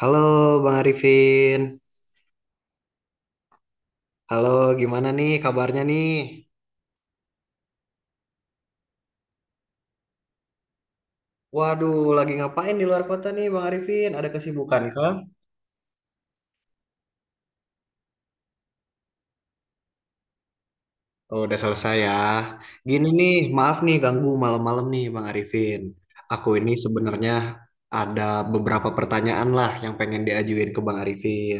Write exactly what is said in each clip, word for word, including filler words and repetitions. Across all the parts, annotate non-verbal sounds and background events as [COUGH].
Halo Bang Arifin. Halo, gimana nih kabarnya nih? Waduh, lagi ngapain di luar kota nih Bang Arifin? Ada kesibukan kah? Oh, udah selesai ya. Gini nih, maaf nih ganggu malam-malam nih Bang Arifin. Aku ini sebenarnya ada beberapa pertanyaan lah yang pengen diajuin ke Bang Arifin.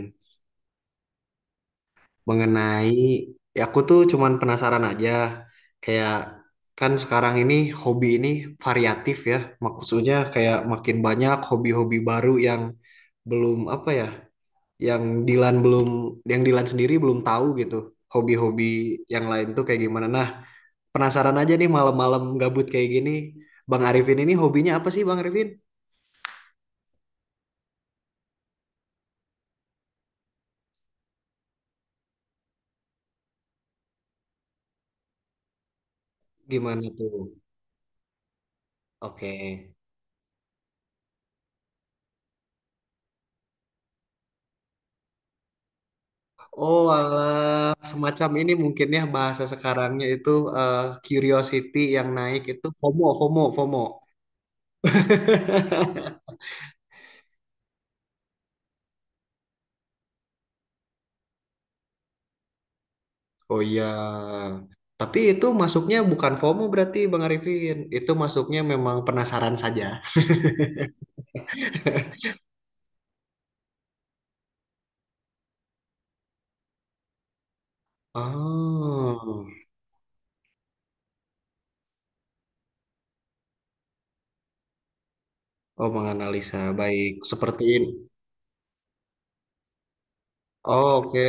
Mengenai, ya aku tuh cuman penasaran aja. Kayak kan sekarang ini hobi ini variatif ya. Maksudnya kayak makin banyak hobi-hobi baru yang belum apa ya, yang Dilan belum, yang Dilan sendiri belum tahu gitu, hobi-hobi yang lain tuh kayak gimana. Nah, penasaran aja nih malam-malam gabut kayak gini, Bang Arifin ini hobinya apa sih Bang Arifin? Gimana tuh? Oke. Oh alah, semacam ini mungkin ya bahasa sekarangnya itu, eh, curiosity yang naik itu, FOMO FOMO FOMO. [LAUGHS] Oh iya, tapi itu masuknya bukan FOMO berarti Bang Arifin. Itu masuknya memang penasaran saja. [LAUGHS] Oh, oh menganalisa baik seperti ini. Oh, oke.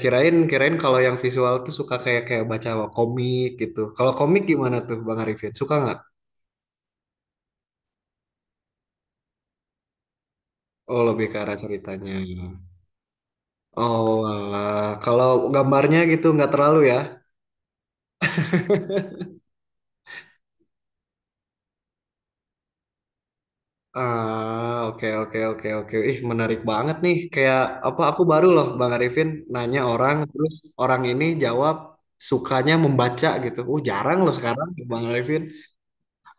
Kirain, kirain kalau yang visual tuh suka kayak kayak baca komik gitu. Kalau komik gimana tuh Bang Arifin? Suka nggak? Oh lebih ke arah ceritanya. Oh alah, kalau gambarnya gitu nggak terlalu ya? Ah oke, oke, oke, oke. Ih, menarik banget nih. Kayak apa? Aku baru loh Bang Arifin nanya orang, terus orang ini jawab sukanya membaca gitu. Uh jarang loh sekarang Bang Arifin.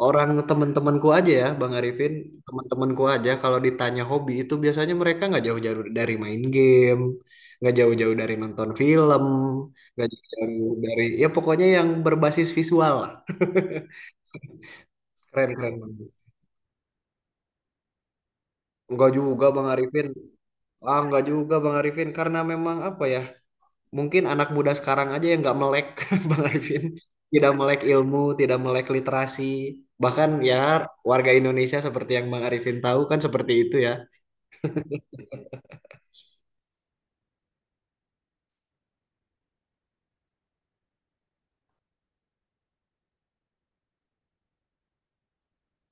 Orang teman-temanku aja ya Bang Arifin, teman-temanku aja kalau ditanya hobi itu biasanya mereka nggak jauh-jauh dari main game, nggak jauh-jauh dari nonton film, nggak jauh-jauh dari, ya pokoknya yang berbasis visual lah. [LAUGHS] Keren, keren banget. Enggak juga Bang Arifin, ah enggak juga Bang Arifin karena memang apa ya, mungkin anak muda sekarang aja yang nggak melek [LAUGHS] Bang Arifin, tidak melek ilmu, tidak melek literasi bahkan ya, warga Indonesia seperti yang Bang Arifin tahu kan seperti itu ya.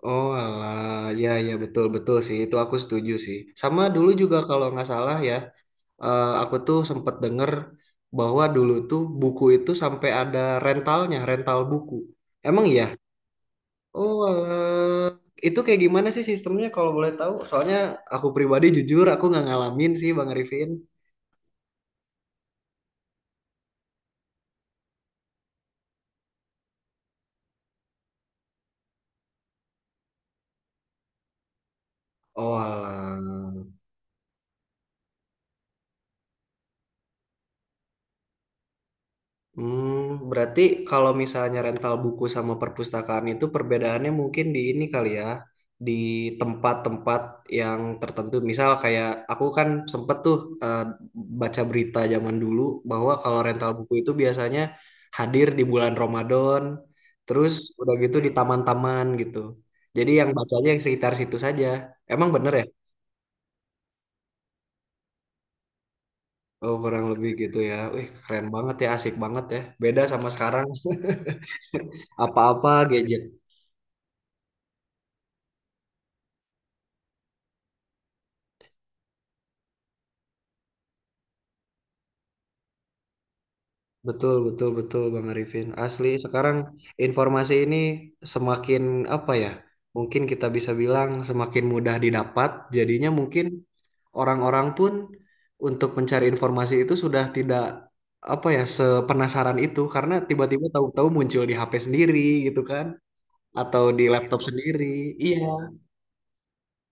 Oh alah, ya ya betul, betul sih itu aku setuju sih. Sama dulu juga kalau nggak salah ya, eh, aku tuh sempet denger bahwa dulu tuh buku itu sampai ada rentalnya, rental buku. Emang iya? Oh alah, itu kayak gimana sih sistemnya kalau boleh tahu? Soalnya aku pribadi, jujur aku nggak ngalamin sih Bang Arifin. Oh alah. Hmm, berarti kalau misalnya rental buku sama perpustakaan itu perbedaannya mungkin di ini kali ya, di tempat-tempat yang tertentu. Misal kayak aku kan sempet tuh, eh, baca berita zaman dulu bahwa kalau rental buku itu biasanya hadir di bulan Ramadan, terus udah gitu di taman-taman gitu. Jadi yang bacanya yang sekitar situ saja. Emang bener ya? Oh, kurang lebih gitu ya. Wih, keren banget ya, asik banget ya. Beda sama sekarang. [LAUGHS] Apa-apa gadget. Betul, betul, betul, Bang Arifin. Asli, sekarang informasi ini semakin apa ya? Mungkin kita bisa bilang semakin mudah didapat. Jadinya mungkin orang-orang pun untuk mencari informasi itu sudah tidak, apa ya, sepenasaran itu karena tiba-tiba tahu-tahu muncul di ha pe sendiri gitu kan, atau di laptop sendiri. Iya,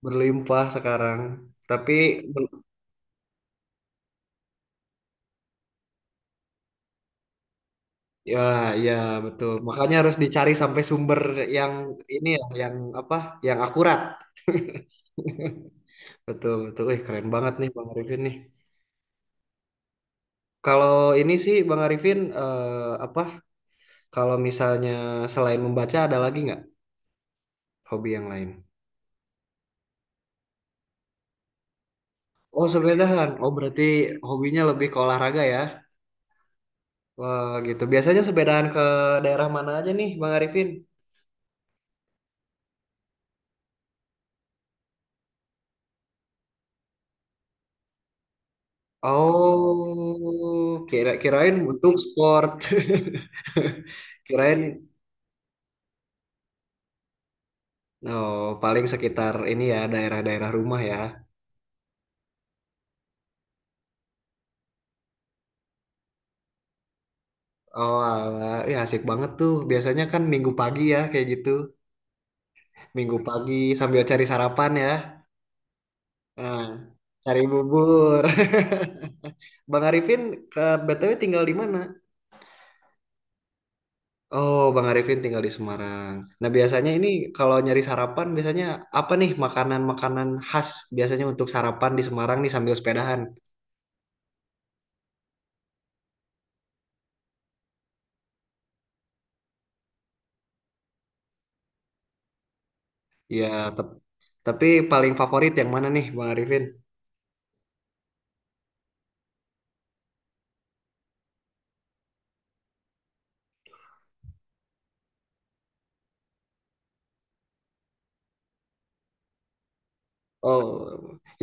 berlimpah sekarang. Tapi ya, ya betul. Makanya harus dicari sampai sumber yang ini ya, yang apa? Yang akurat. [LAUGHS] Betul, betul. Wih, keren banget nih Bang Arifin nih. Kalau ini sih Bang Arifin, eh, apa? Kalau misalnya selain membaca ada lagi nggak hobi yang lain? Oh, sepedahan. Oh, berarti hobinya lebih ke olahraga ya. Wah, gitu. Biasanya sepedahan ke daerah mana aja nih Bang Arifin? Oh, kira kirain untuk sport. [LAUGHS] Kirain. Oh paling sekitar ini ya daerah-daerah rumah ya. Oh alah, ya asik banget tuh. Biasanya kan minggu pagi ya kayak gitu. Minggu pagi sambil cari sarapan ya. Nah, cari bubur. [LAUGHS] Bang Arifin ke be te we tinggal di mana? Oh, Bang Arifin tinggal di Semarang. Nah, biasanya ini kalau nyari sarapan, biasanya apa nih makanan-makanan khas biasanya untuk sarapan di Semarang nih sambil sepedahan? Ya, tep- tapi paling favorit yang mana nih, Bang Arifin? Oh,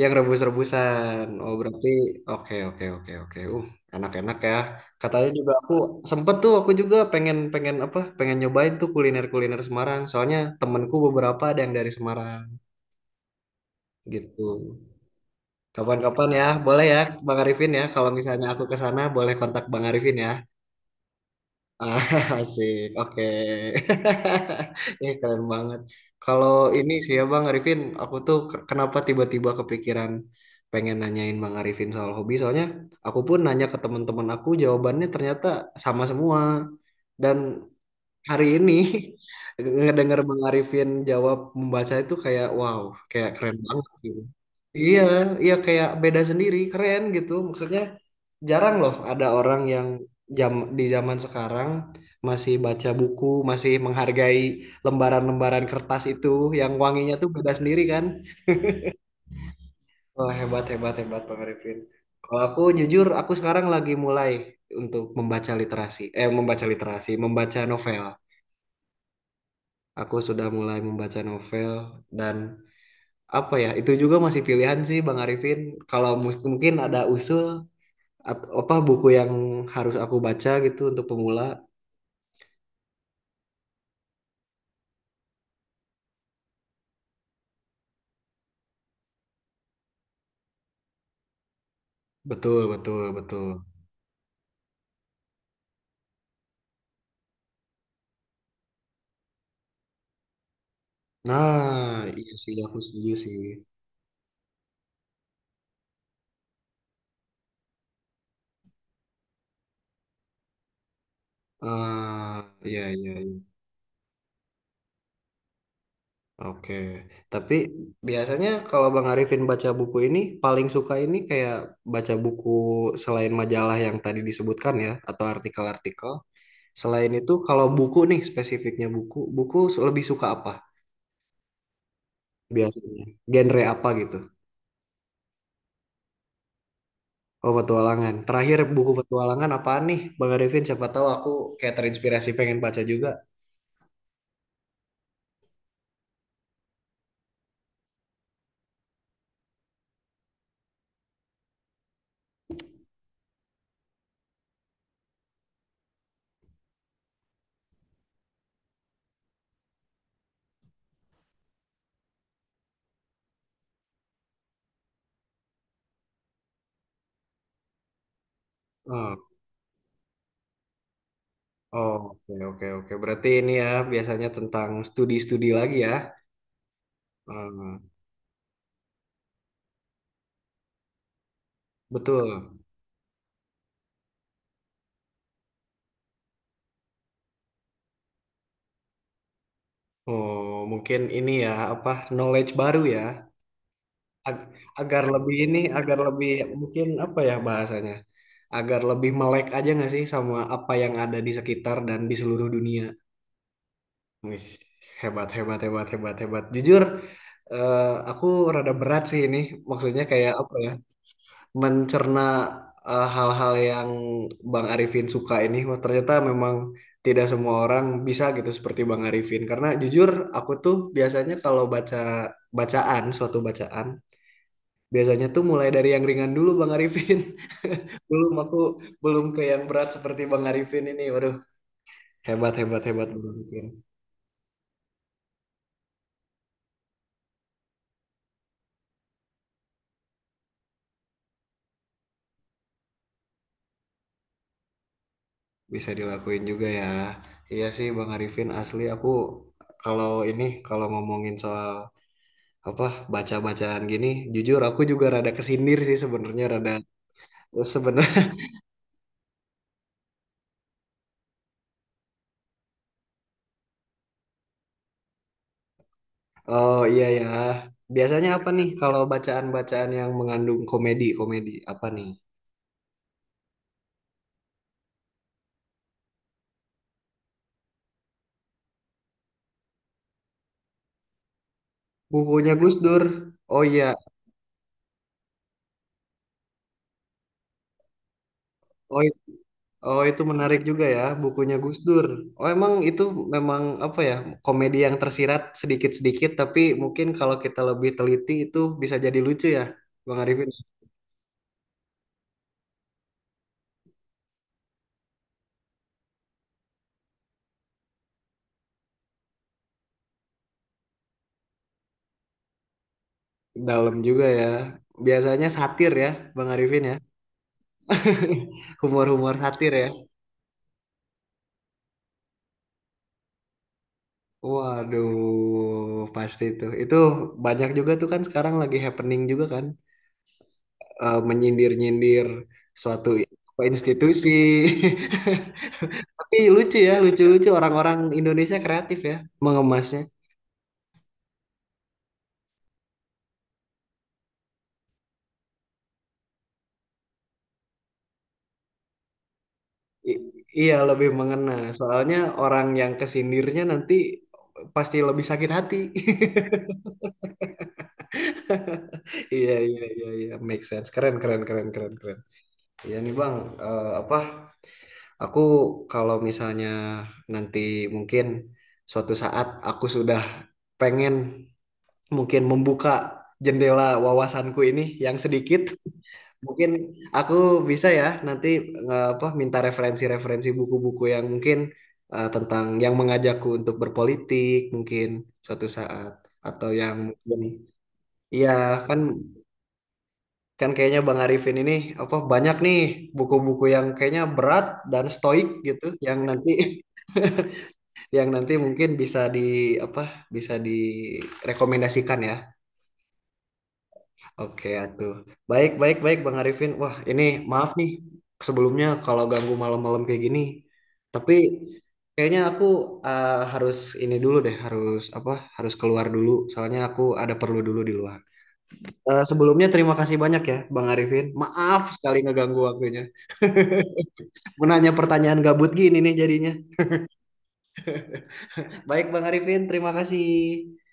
yang rebus-rebusan. Oh, berarti oke, oke, oke, oke. Uh, enak-enak ya. Katanya juga aku sempet tuh, aku juga pengen pengen apa? Pengen nyobain tuh kuliner-kuliner Semarang. Soalnya temenku beberapa ada yang dari Semarang gitu. Kapan-kapan ya, boleh ya Bang Arifin ya. Kalau misalnya aku ke sana, boleh kontak Bang Arifin ya. Ah, [LAUGHS] asik, oke. [LAUGHS] Ini keren banget. Kalau ini sih ya Bang Arifin, aku tuh ke- kenapa tiba-tiba kepikiran pengen nanyain Bang Arifin soal hobi. Soalnya aku pun nanya ke teman-teman aku, jawabannya ternyata sama semua. Dan hari ini [LAUGHS] ngedenger Bang Arifin jawab membaca itu kayak wow, kayak keren banget, gitu. Iya, iya kayak beda sendiri, keren gitu. Maksudnya jarang loh ada orang yang jam di zaman sekarang masih baca buku, masih menghargai lembaran-lembaran kertas itu yang wanginya tuh beda sendiri kan. Wah, hebat, hebat, hebat Bang Arifin. Kalau aku jujur, aku sekarang lagi mulai untuk membaca literasi. Eh, membaca literasi, membaca novel. Aku sudah mulai membaca novel dan apa ya, itu juga masih pilihan sih Bang Arifin. Kalau mu- mungkin ada usul, At- apa buku yang harus aku baca gitu untuk pemula? Betul, betul, betul. Nah, iya sih aku setuju sih. Ah, iya, iya, iya. Oke. Tapi biasanya kalau Bang Arifin baca buku ini paling suka ini kayak baca buku selain majalah yang tadi disebutkan ya, atau artikel-artikel. Selain itu kalau buku nih spesifiknya buku, buku lebih suka apa biasanya? Genre apa gitu? Oh, petualangan. Terakhir buku petualangan apaan nih, Bang Arifin? Siapa tahu aku kayak terinspirasi pengen baca juga. Hmm. Oh, oke, oke, oke. Berarti ini ya biasanya tentang studi-studi lagi ya. Hmm, Betul. Oh, mungkin ini ya apa knowledge baru ya. Ag- Agar lebih ini, agar lebih mungkin apa ya bahasanya? Agar lebih melek aja nggak sih sama apa yang ada di sekitar dan di seluruh dunia. Wih, hebat, hebat, hebat, hebat, hebat. Jujur, eh, aku rada berat sih ini. Maksudnya kayak apa ya? Mencerna eh, hal-hal yang Bang Arifin suka ini. Wah, ternyata memang tidak semua orang bisa gitu seperti Bang Arifin. Karena jujur, aku tuh biasanya kalau baca bacaan, suatu bacaan, biasanya tuh mulai dari yang ringan dulu Bang Arifin. [LAUGHS] Belum, aku belum ke yang berat seperti Bang Arifin ini. Waduh, hebat, hebat, hebat Bang Arifin. Bisa dilakuin juga ya. Iya sih Bang Arifin, asli aku kalau ini kalau ngomongin soal apa baca-bacaan gini, jujur aku juga rada kesindir sih sebenarnya, rada sebenarnya. [LAUGHS] Oh iya ya. Biasanya apa nih kalau bacaan-bacaan yang mengandung komedi, komedi apa nih? Bukunya Gus Dur. Oh iya. Oh, oh, itu menarik juga ya, bukunya Gus Dur. Oh, emang itu memang apa ya, komedi yang tersirat sedikit-sedikit, tapi mungkin kalau kita lebih teliti itu bisa jadi lucu ya, Bang Arifin. Dalam juga ya. Biasanya satir ya, Bang Arifin ya. [LAUGHS] Humor-humor satir ya. Waduh, pasti itu. Itu banyak juga tuh kan sekarang lagi happening juga kan, eh, menyindir-nyindir suatu apa, institusi. [LAUGHS] Tapi lucu ya, lucu-lucu orang-orang Indonesia kreatif ya mengemasnya. I- iya, lebih mengena. Soalnya orang yang kesindirnya nanti pasti lebih sakit hati. [LAUGHS] Iya, iya, iya, iya, make sense. Keren, keren, keren, keren, keren. Iya nih Bang, Eh, apa? Aku kalau misalnya nanti mungkin suatu saat aku sudah pengen mungkin membuka jendela wawasanku ini yang sedikit. Mungkin aku bisa ya nanti, eh, apa minta referensi-referensi buku-buku yang mungkin, eh, tentang yang mengajakku untuk berpolitik mungkin suatu saat, atau yang mungkin iya kan kan kayaknya Bang Arifin ini apa banyak nih buku-buku yang kayaknya berat dan stoik gitu yang nanti [LAUGHS] yang nanti mungkin bisa di apa bisa direkomendasikan ya. Oke, atuh. Baik, baik, baik, Bang Arifin. Wah, ini maaf nih sebelumnya kalau ganggu malam-malam kayak gini. Tapi kayaknya aku, eh, harus ini dulu deh, harus apa? Harus keluar dulu. Soalnya aku ada perlu dulu di luar. Eh, sebelumnya terima kasih banyak ya, Bang Arifin. Maaf sekali ngeganggu waktunya. Menanya pertanyaan gabut gini nih jadinya. Baik, Bang Arifin, terima kasih.